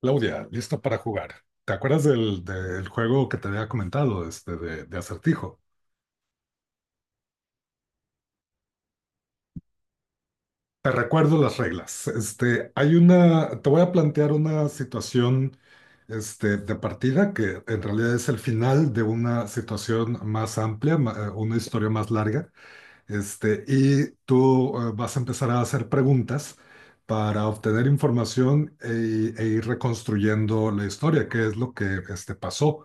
Claudia, lista para jugar. ¿Te acuerdas del juego que te había comentado, de acertijo? Te recuerdo las reglas. Te voy a plantear una situación, de partida que en realidad es el final de una situación más amplia, una historia más larga. Y tú vas a empezar a hacer preguntas para obtener información e ir reconstruyendo la historia, qué es lo que pasó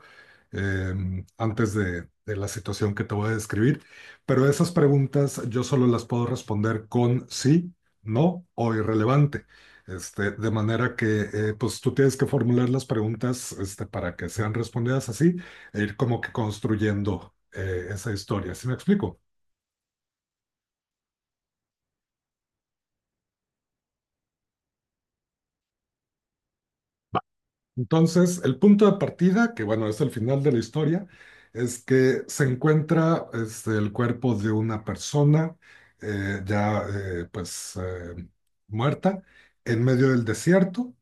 antes de la situación que te voy a describir. Pero esas preguntas yo solo las puedo responder con sí, no o irrelevante. De manera que pues tú tienes que formular las preguntas para que sean respondidas así e ir como que construyendo esa historia. ¿Sí me explico? Entonces, el punto de partida, que bueno, es el final de la historia, es que se encuentra el cuerpo de una persona ya pues muerta en medio del desierto,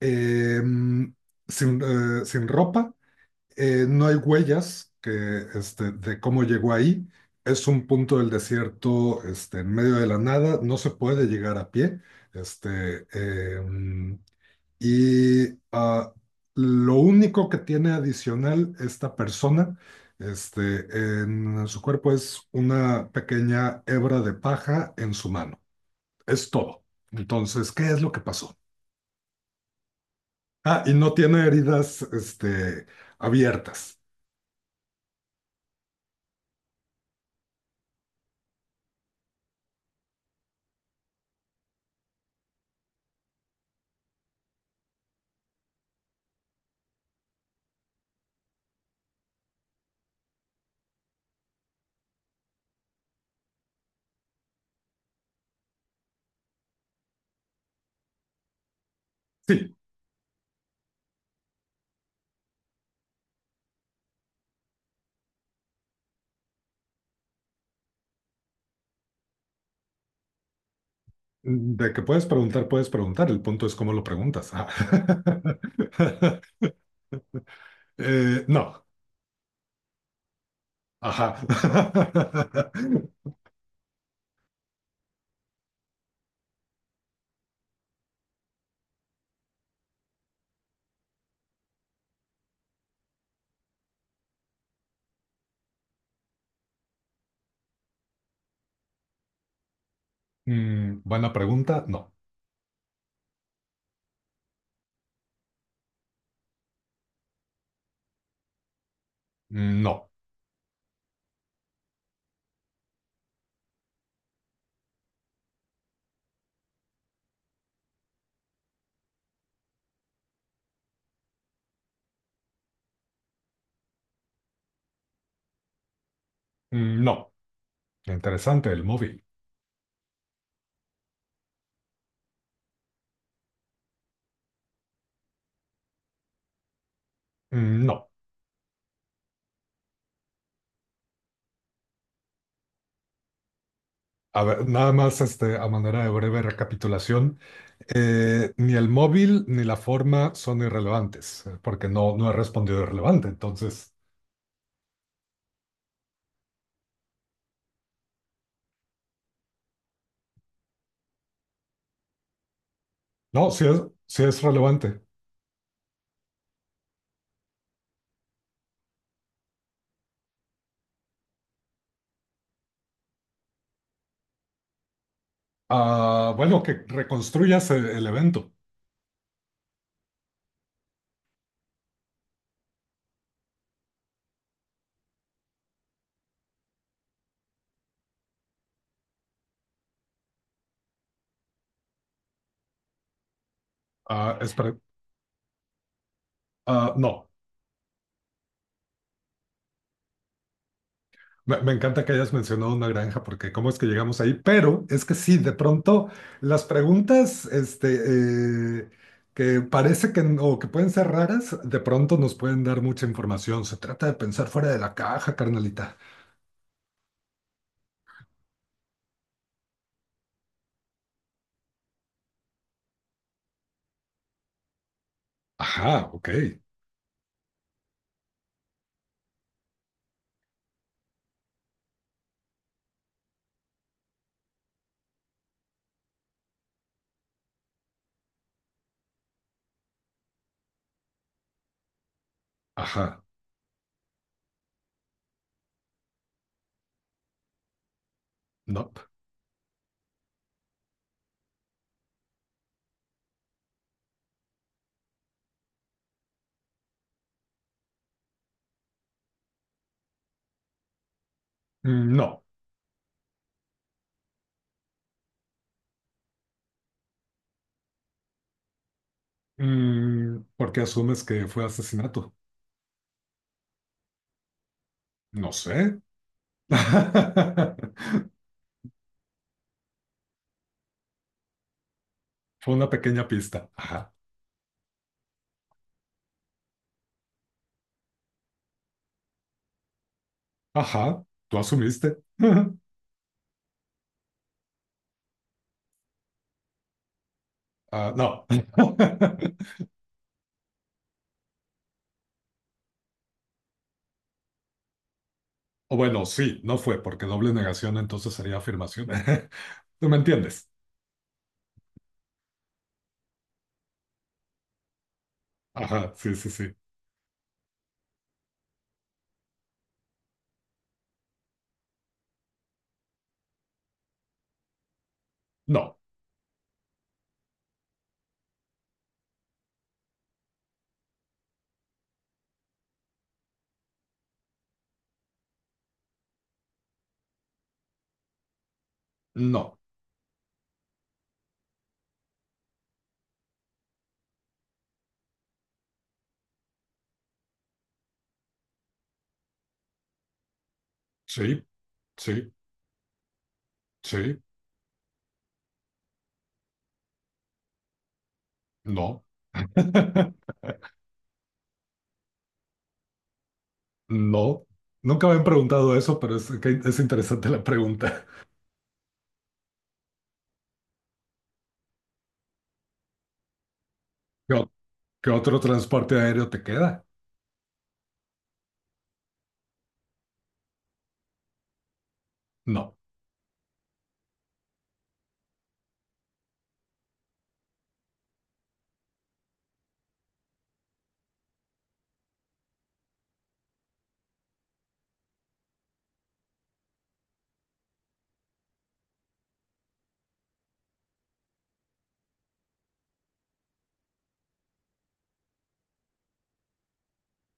eh, sin ropa, no hay huellas que, de cómo llegó ahí, es un punto del desierto en medio de la nada, no se puede llegar a pie. Este, em, y ah, lo único que tiene adicional esta persona este, en su cuerpo es una pequeña hebra de paja en su mano. Es todo. Entonces, ¿qué es lo que pasó? Ah, y no tiene heridas abiertas. Sí, de que puedes preguntar, puedes preguntar. El punto es cómo lo preguntas. Ah. No. Ajá. Buena pregunta. No. No. No. Interesante, el móvil. No, a ver, nada más a manera de breve recapitulación, ni el móvil ni la forma son irrelevantes, porque no he respondido irrelevante. Entonces, no, sí es relevante. Ah, bueno, que reconstruyas el evento. Ah, espera, no. Me encanta que hayas mencionado una granja porque cómo es que llegamos ahí, pero es que sí, de pronto las preguntas que parece que o que pueden ser raras, de pronto nos pueden dar mucha información. Se trata de pensar fuera de la caja, carnalita. Ajá, ok. Ajá, no. No. ¿Por qué asumes que fue asesinato? No sé. Fue una pequeña pista. Ajá. Ajá, tú asumiste. Ah, no. O bueno, sí, no fue, porque doble negación entonces sería afirmación. ¿Tú me entiendes? Ajá, sí, sí, sí. No, no, sí, sí, sí, no. No, nunca me han preguntado eso, pero que es interesante la pregunta. ¿Qué, o- qué otro transporte aéreo te queda? No,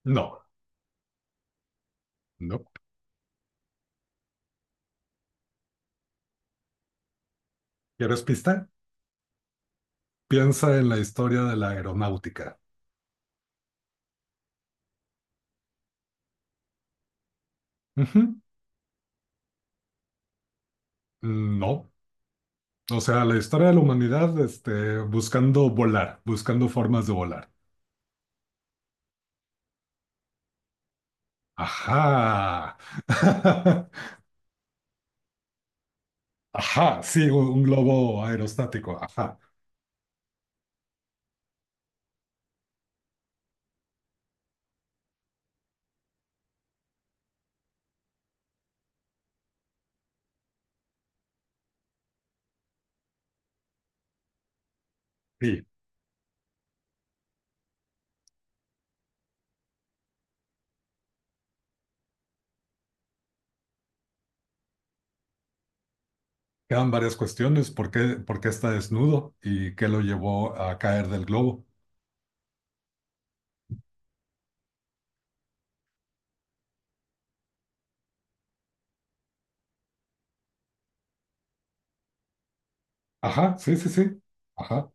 no, no. ¿Quieres pista? Piensa en la historia de la aeronáutica. Ujú. No, o sea, la historia de la humanidad, buscando volar, buscando formas de volar. Ajá. Ajá, sí, un globo aerostático. Ajá, sí. Quedan varias cuestiones. ¿Por qué está desnudo y qué lo llevó a caer del globo? Ajá, sí, sí, sí. Ajá.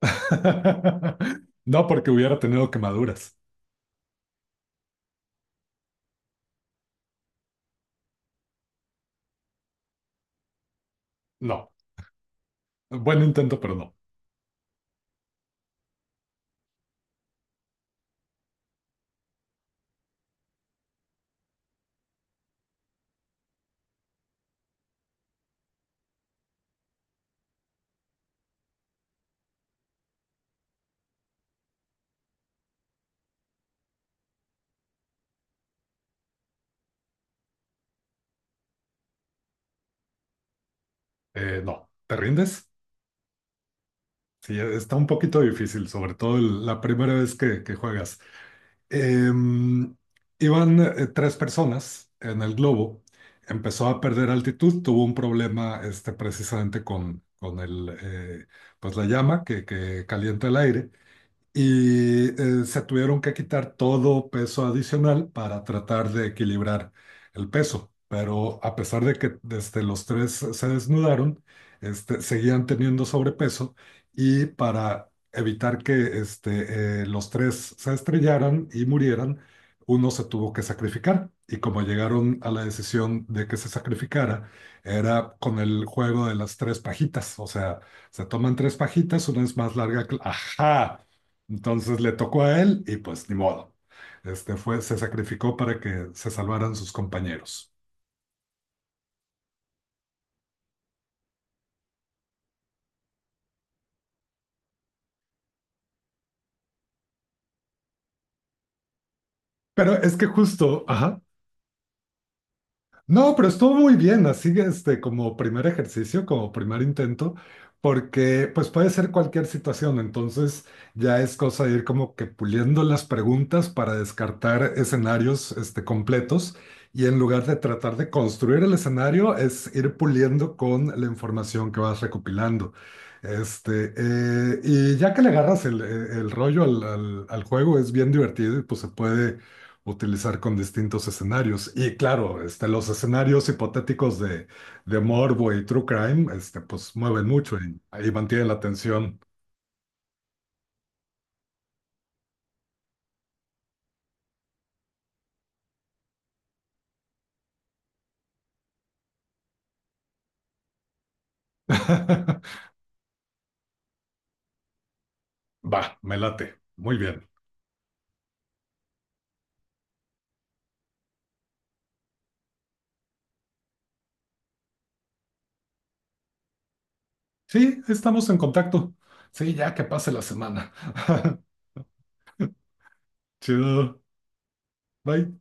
No porque hubiera tenido quemaduras. No. Buen intento, pero no. No. ¿Te rindes? Sí, está un poquito difícil, sobre todo la primera vez que juegas. Em, Iban tres personas en el globo, empezó a perder altitud, tuvo un problema precisamente con el, pues la llama que calienta el aire y se tuvieron que quitar todo peso adicional para tratar de equilibrar el peso. Pero a pesar de que desde los tres se desnudaron, seguían teniendo sobrepeso y para evitar que los tres se estrellaran y murieran, uno se tuvo que sacrificar. Y como llegaron a la decisión de que se sacrificara, era con el juego de las tres pajitas. O sea, se toman tres pajitas, una es más larga que... ¡Ajá! Entonces le tocó a él y pues ni modo. Se sacrificó para que se salvaran sus compañeros. Pero es que justo, ajá. No, pero estuvo muy bien, así que, como primer ejercicio, como primer intento, porque pues puede ser cualquier situación, entonces ya es cosa de ir como que puliendo las preguntas para descartar escenarios completos y en lugar de tratar de construir el escenario es ir puliendo con la información que vas recopilando. Y ya que le agarras el rollo al juego es bien divertido y pues se puede utilizar con distintos escenarios. Y claro, los escenarios hipotéticos de morbo y true crime, pues mueven mucho y ahí mantienen la atención. Va, me late. Muy bien. Sí, estamos en contacto. Sí, ya que pase la semana. Chido. Bye.